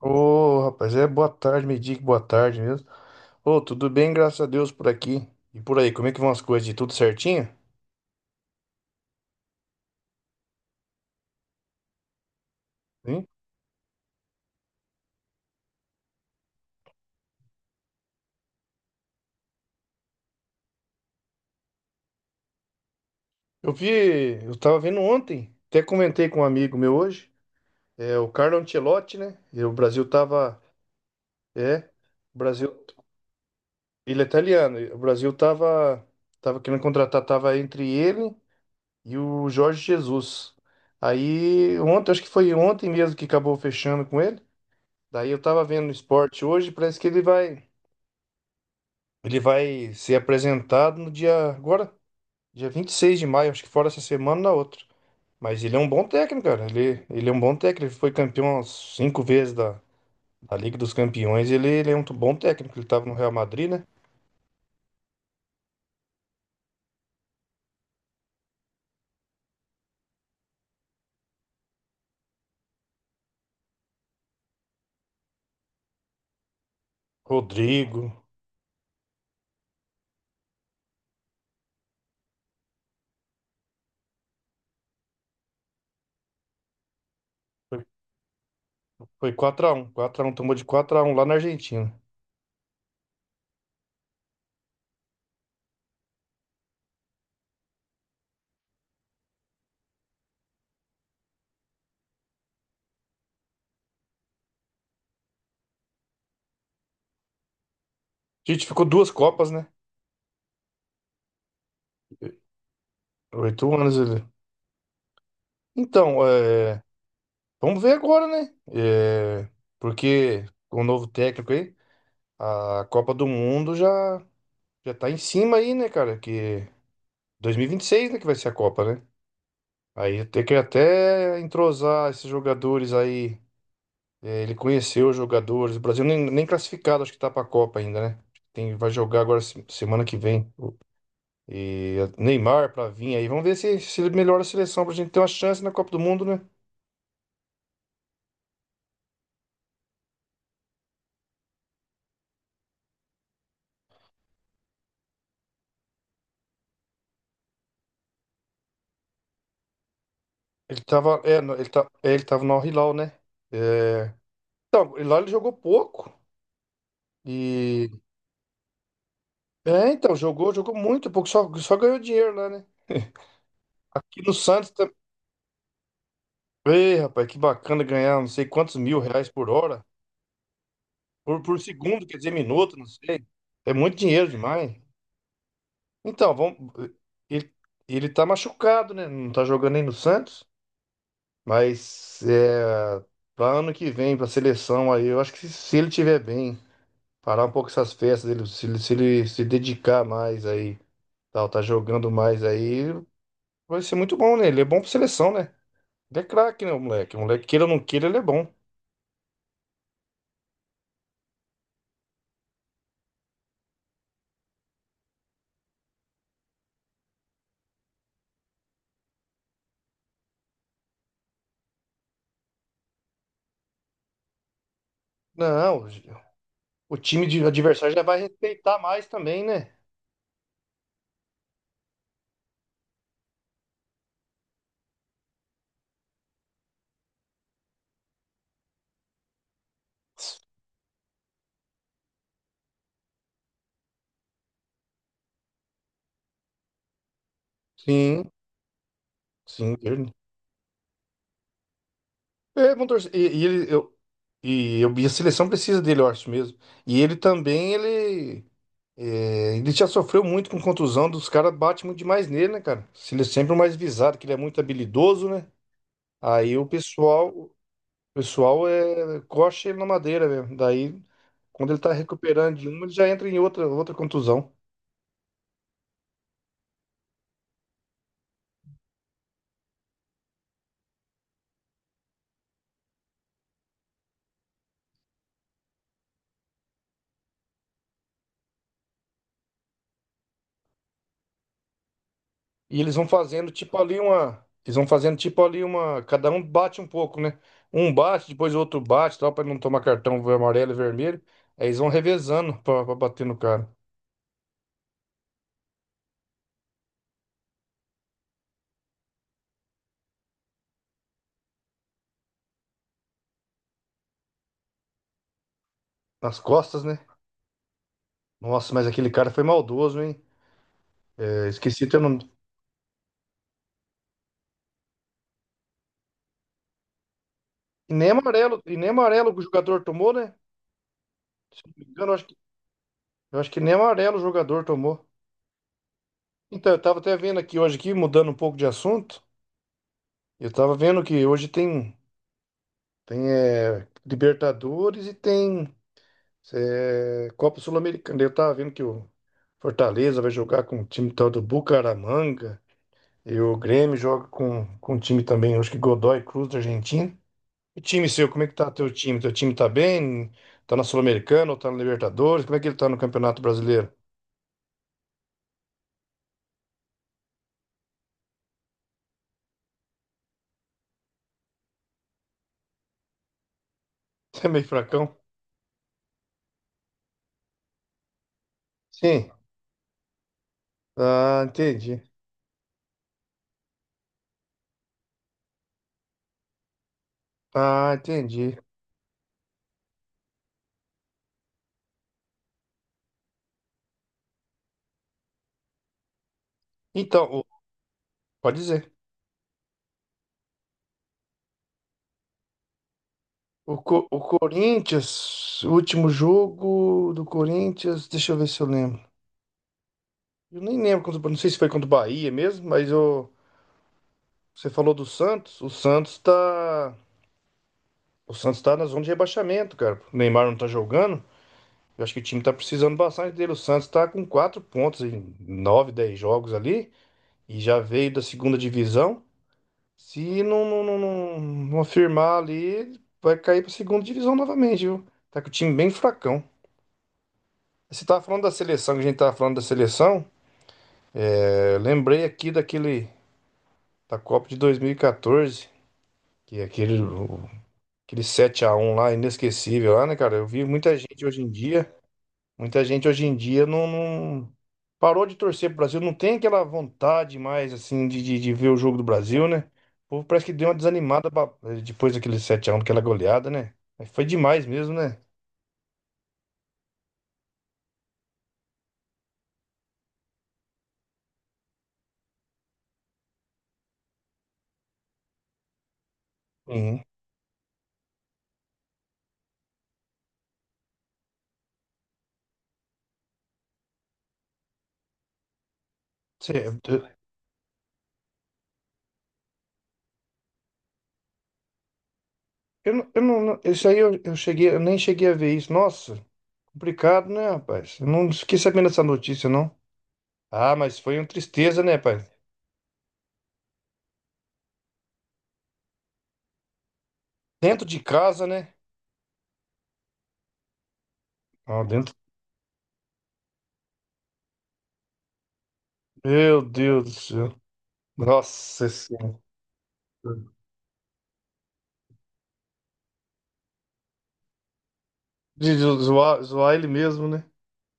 Ô, rapaz, é boa tarde, me diga boa tarde mesmo. Ô, tudo bem, graças a Deus por aqui. E por aí, como é que vão as coisas? De tudo certinho? Sim. Eu vi, eu tava vendo ontem, até comentei com um amigo meu hoje, é o Carlo Ancelotti, né? E o Brasil tava, é, o Brasil, ele é italiano, e o Brasil tava querendo contratar, tava entre ele e o Jorge Jesus. Aí, ontem, acho que foi ontem mesmo que acabou fechando com ele. Daí eu tava vendo no esporte hoje, parece que ele vai ser apresentado no dia agora, dia 26 de maio, acho que fora essa semana ou na outra. Mas ele é um bom técnico, cara. Ele é um bom técnico. Ele foi campeão umas cinco vezes da Liga dos Campeões. Ele é um bom técnico. Ele tava no Real Madrid, né? Rodrigo. Foi, foi 4x1. 4x1, tomou de 4-1 lá na Argentina. A gente ficou duas Copas, né? 8 anos ele. Então, é, vamos ver agora, né? É, porque com o novo técnico aí, a Copa do Mundo já. Já tá em cima aí, né, cara? Que 2026, né, que vai ser a Copa, né? Aí tem que até entrosar esses jogadores aí. É, ele conheceu os jogadores. O Brasil nem classificado, acho que tá pra Copa ainda, né? Tem, vai jogar agora semana que vem. E Neymar pra vir aí. Vamos ver se ele melhora a seleção pra gente ter uma chance na Copa do Mundo, né? Ele tava, é, no- ele tá, é, ele tava no Al Hilal, né? É, então, e lá ele jogou pouco. E. É, então, jogou muito pouco, só ganhou dinheiro lá, né? Aqui no Santos Ei, rapaz, que bacana ganhar não sei quantos mil reais por hora, por segundo, quer dizer, minuto, não sei. É muito dinheiro demais. Então, vamos, ele, ele tá machucado, né? Não tá jogando nem no Santos, mas é, para ano que vem, pra seleção aí, eu acho que se ele tiver bem, parar um pouco essas festas dele, se ele se dedicar mais aí, tal, tá jogando mais aí, vai ser muito bom, né? Ele é bom pra seleção, né? Ele é craque, né, o moleque? O moleque, queira ou não queira, ele é bom. Não, o time de adversário já vai respeitar mais também, né? Sim, sim. É, vão torcer. E ele, eu, e a seleção precisa dele, eu acho mesmo. E ele também, ele já sofreu muito com contusão, dos caras bate muito demais nele, né, cara? Se Ele é sempre o mais visado, que ele é muito habilidoso, né? Aí o pessoal é, coxa ele na madeira mesmo. Daí, quando ele tá recuperando de uma, ele já entra em outra contusão. E eles vão fazendo tipo ali uma. Eles vão fazendo tipo ali uma. Cada um bate um pouco, né? Um bate, depois o outro bate, tal, pra não tomar cartão amarelo e vermelho. Aí eles vão revezando pra bater no cara. Nas costas, né? Nossa, mas aquele cara foi maldoso, hein? É, esqueci teu nome. E nem amarelo o jogador tomou, né? Se não me engano, eu acho que nem amarelo o jogador tomou. Então, eu tava até vendo aqui hoje, aqui, mudando um pouco de assunto. Eu tava vendo que hoje tem Libertadores e tem. É, Copa Sul-Americana. Eu tava vendo que o Fortaleza vai jogar com o time tal do Bucaramanga. E o Grêmio joga com o time também, acho que Godoy Cruz da Argentina. E o time seu, como é que tá teu time? Teu time tá bem? Tá na Sul-Americana ou tá na Libertadores? Como é que ele tá no Campeonato Brasileiro? é meio fracão? Sim. Ah, entendi. Ah, entendi. Então, pode dizer. O Corinthians, o último jogo do Corinthians, deixa eu ver se eu lembro. Eu nem lembro, não sei se foi contra o Bahia mesmo, mas eu, você falou do Santos. O Santos tá. O Santos tá na zona de rebaixamento, cara. O Neymar não tá jogando. Eu acho que o time tá precisando bastante dele. O Santos tá com quatro pontos em nove, 10 jogos ali. E já veio da segunda divisão. Se não afirmar ali, vai cair pra segunda divisão novamente, viu? Tá com o time bem fracão. Você tava falando da seleção, que a gente tava falando da seleção. É, lembrei aqui daquele. Da Copa de 2014. Que aquele 7-1 lá, inesquecível lá, né, cara? Eu vi muita gente hoje em dia, muita gente hoje em dia não, parou de torcer pro Brasil, não tem aquela vontade mais, assim, de ver o jogo do Brasil, né? O povo parece que deu uma desanimada depois daquele 7-1 daquela goleada, né? Mas foi demais mesmo, né? Sim. Cê- eu não, eu não- isso aí eu cheguei, eu nem cheguei a ver isso. Nossa, complicado, né, rapaz? Eu não fiquei sabendo dessa notícia, não. Ah, mas foi uma tristeza, né, rapaz? Dentro de casa, né? Ah, dentro. Meu Deus do céu. Nossa Senhora. De zoar ele mesmo, né?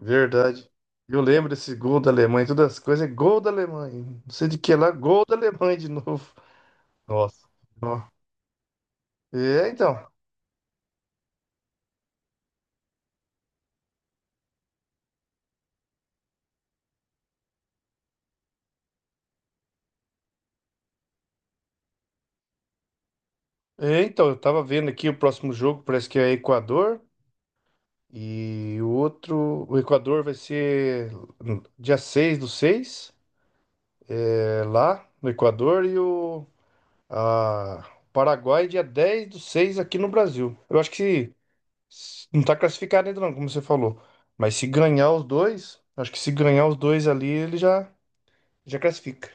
Verdade. Eu lembro desse gol da Alemanha, todas as coisas, é gol da Alemanha. Não sei de que é lá, gol da Alemanha de novo. Nossa. Ó. É, então. É, então, eu tava vendo aqui o próximo jogo, parece que é Equador. E o outro, o Equador vai ser dia 6/6. É lá no Equador. Ah, Paraguai, dia 10/6 aqui no Brasil. Eu acho que não tá classificado ainda não, como você falou. Mas se ganhar os dois, acho que se ganhar os dois ali, ele já, classifica.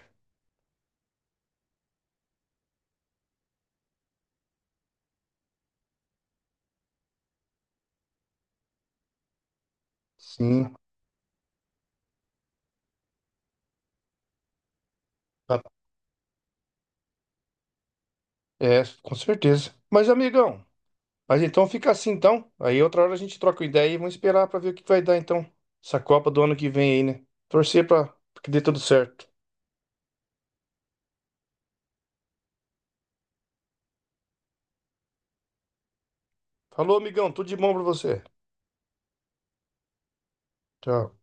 Sim, tá- com certeza. Mas, amigão, mas então fica assim então. Aí outra hora a gente troca uma ideia e vamos esperar pra ver o que vai dar então. Essa Copa do ano que vem aí, né? Torcer pra que dê tudo certo. Falou, amigão, tudo de bom pra você. Tchau.